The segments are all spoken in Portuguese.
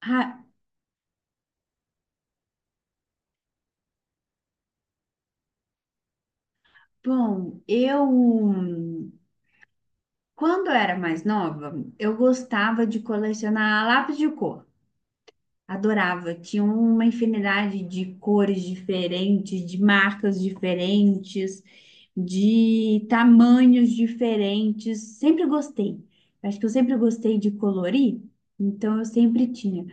Ah, bom, eu quando eu era mais nova, eu gostava de colecionar lápis de cor. Adorava. Tinha uma infinidade de cores diferentes, de marcas diferentes, de tamanhos diferentes. Sempre gostei. Acho que eu sempre gostei de colorir, então eu sempre tinha.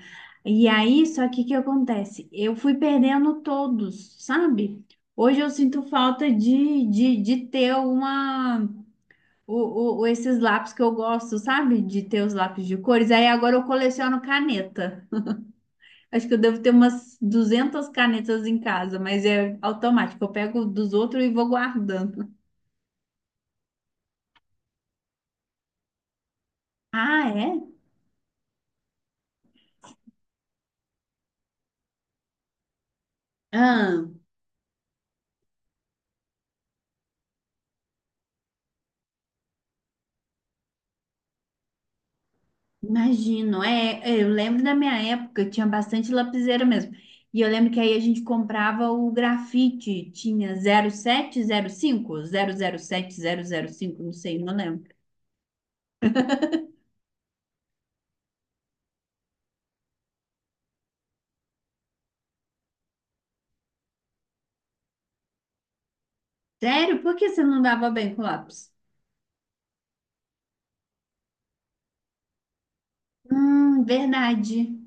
E aí, só que o que acontece? Eu fui perdendo todos, sabe? Hoje eu sinto falta de ter esses lápis que eu gosto, sabe? De ter os lápis de cores. Aí agora eu coleciono caneta. Acho que eu devo ter umas 200 canetas em casa, mas é automático. Eu pego dos outros e vou guardando. Ah, é? Ah, imagino. Eu lembro da minha época, tinha bastante lapiseira mesmo. E eu lembro que aí a gente comprava o grafite. Tinha zero sete, zero cinco, zero zero sete sete cinco zero zero cinco. Não sei, não lembro. Sério? Por que você não dava bem com lápis? Verdade.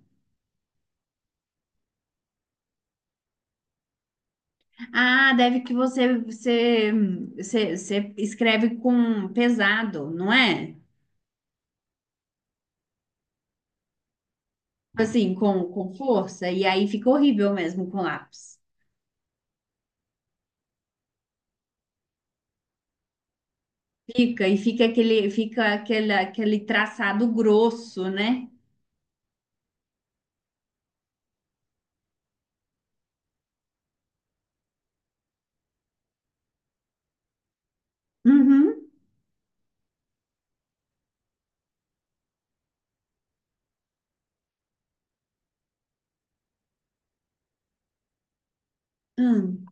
Ah, deve que você escreve com pesado, não é? Assim, com força, e aí fica horrível mesmo com lápis. Fica, e fica aquele traçado grosso, né? Uhum, hum,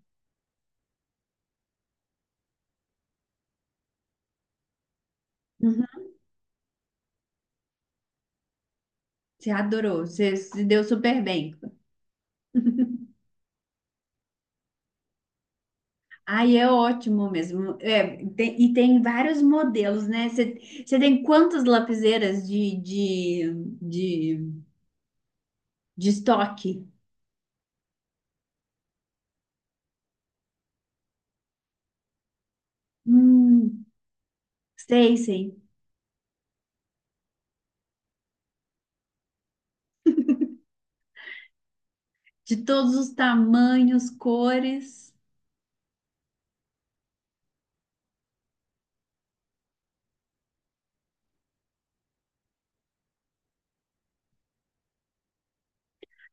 uhum. Você adorou, você se deu super bem. Aí é ótimo mesmo. É, e tem vários modelos, né? Você tem quantas lapiseiras de, de estoque? Hum. Sei, sei. De todos os tamanhos, cores.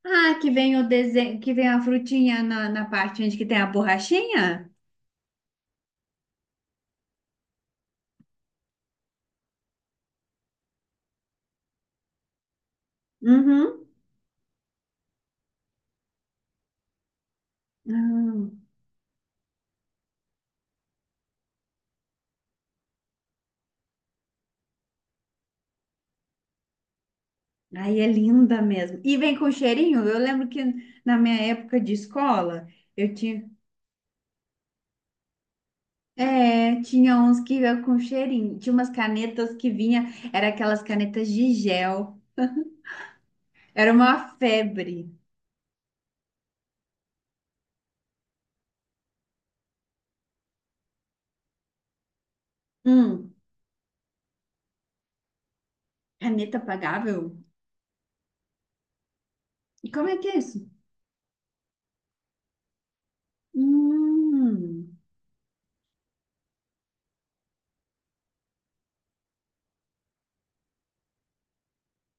Ah, que vem o desenho, que vem a frutinha na parte onde que tem a borrachinha? Uhum. Ah, aí é linda mesmo. E vem com cheirinho. Eu lembro que na minha época de escola, eu tinha, tinha uns que vinha com cheirinho. Tinha umas canetas que vinha, era aquelas canetas de gel. Era uma febre. Hum, caneta pagável? E como é que é isso? Hum.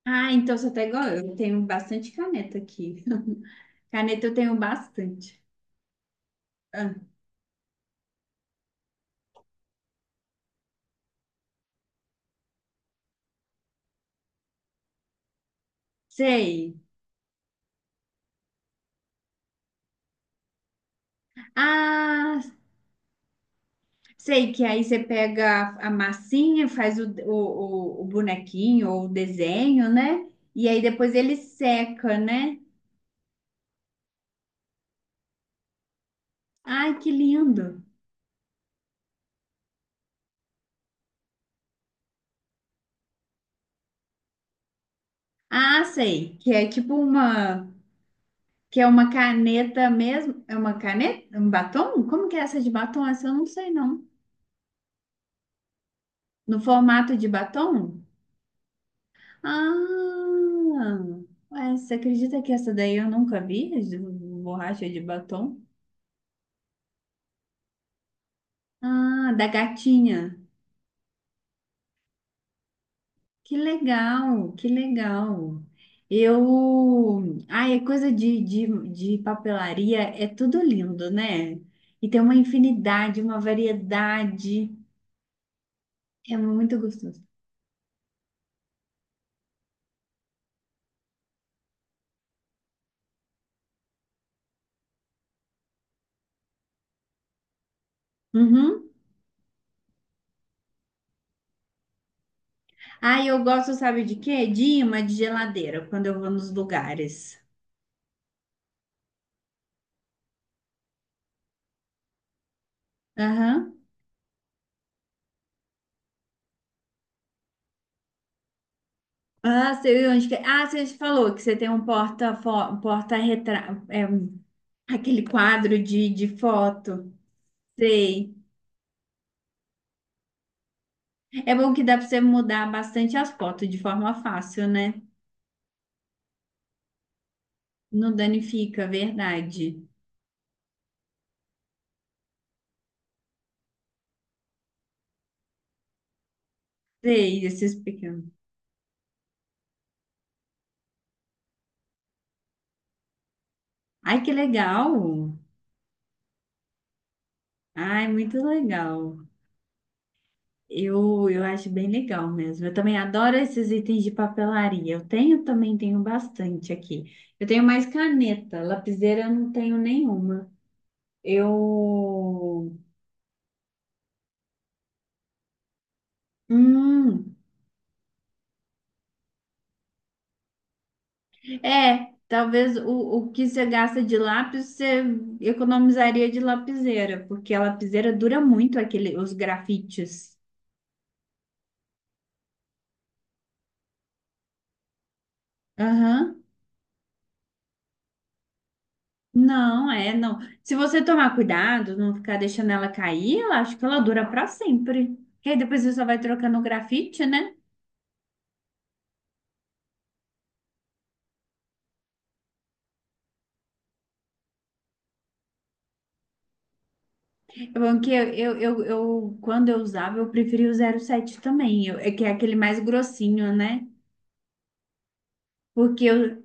Ah, então você tá igual eu. Eu tenho bastante caneta aqui. Caneta eu tenho bastante. Ah, sei. Ah, sei que aí você pega a massinha, faz o bonequinho ou o desenho, né? E aí depois ele seca, né? Ai, que lindo. Ah, sei. Que é tipo uma. Que é uma caneta mesmo. É uma caneta? Um batom? Como que é essa de batom? Essa eu não sei, não. No formato de batom? Ah, ué, você acredita que essa daí eu nunca vi? As de Borracha de batom? Ah, da gatinha. Que legal, que legal. Eu. Ai, é coisa de papelaria, é tudo lindo, né? E tem uma infinidade, uma variedade. É muito gostoso. Uhum. Ah, eu gosto, sabe de quê? De imã de geladeira, quando eu vou nos lugares. Aham. Ah, sei onde que é. Ah, você falou que você tem um porta retrato, aquele quadro de foto. Sei. É bom que dá para você mudar bastante as fotos de forma fácil, né? Não danifica, verdade. Sei, esses pequenos. Ai, que legal. Ai, muito legal. Eu acho bem legal mesmo. Eu também adoro esses itens de papelaria. Eu tenho também, tenho bastante aqui. Eu tenho mais caneta, lapiseira eu não tenho nenhuma. Eu. Hum, talvez o que você gasta de lápis você economizaria de lapiseira, porque a lapiseira dura muito aquele, os grafites. Aham. Não, é, não. Se você tomar cuidado, não ficar deixando ela cair, eu acho que ela dura para sempre. E aí depois você só vai trocando o grafite, né? É bom, que quando eu usava, eu preferia o 07 também, eu- é que é aquele mais grossinho, né? Porque eu,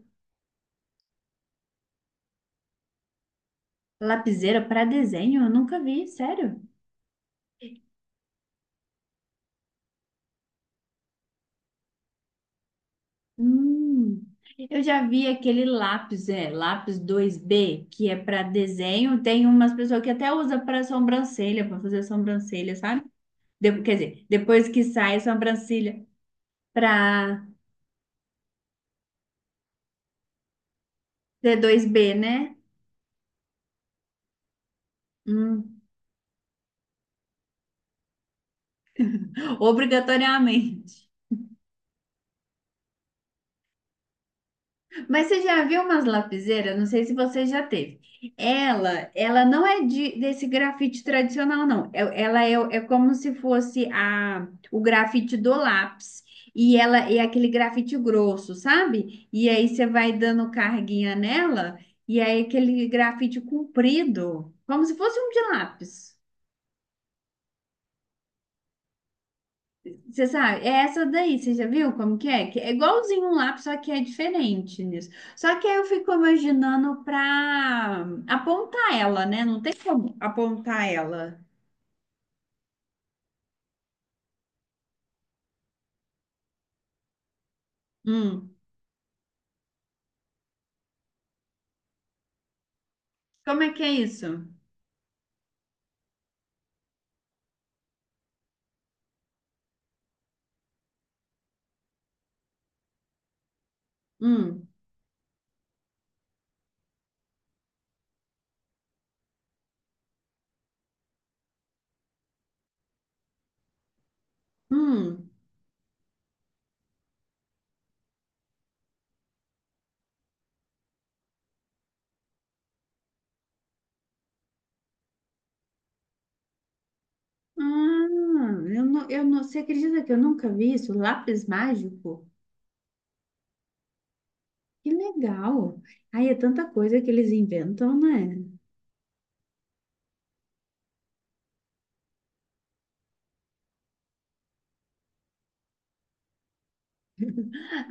lapiseira para desenho? Eu nunca vi, sério. Hum, eu já vi aquele lápis dois b que é para desenho. Tem umas pessoas que até usa para sobrancelha, para fazer sobrancelha, sabe? De- quer dizer, depois que sai a sobrancelha para ser 2B, né? Hum, obrigatoriamente. Mas você já viu umas lapiseiras? Não sei se você já teve. Ela não é desse grafite tradicional, não. Ela é como se fosse o grafite do lápis. E ela é aquele grafite grosso, sabe? E aí você vai dando carguinha nela, e aí aquele grafite comprido, como se fosse um de lápis. Você sabe, é essa daí, você já viu como que é? Que é igualzinho um lápis, só que é diferente nisso. Só que aí eu fico imaginando pra apontar ela, né? Não tem como apontar ela. Hum. Como é que é isso? Hum. Hum. Ah, eu não, você acredita que eu nunca vi isso? Lápis mágico? Que legal. Aí é tanta coisa que eles inventam, né?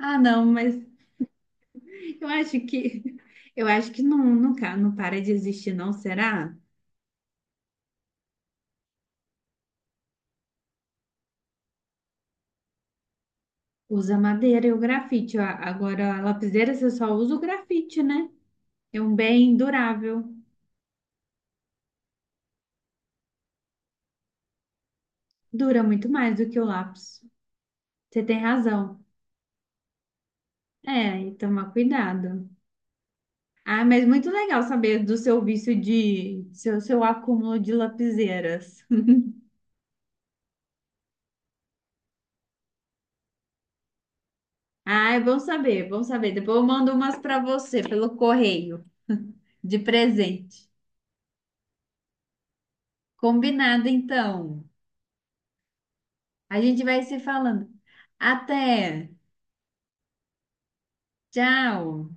Ah, não, mas eu acho que eu acho que não, não, não para de existir, não, será? Usa madeira e o grafite. Agora, a lapiseira você só usa o grafite, né? É um bem durável. Dura muito mais do que o lápis. Você tem razão. É, e tomar cuidado. Ah, mas muito legal saber do seu vício de. Seu, acúmulo de lapiseiras. Ah, é bom saber, é bom saber. Depois eu mando umas para você pelo correio, de presente. Combinado, então. A gente vai se falando. Até! Tchau!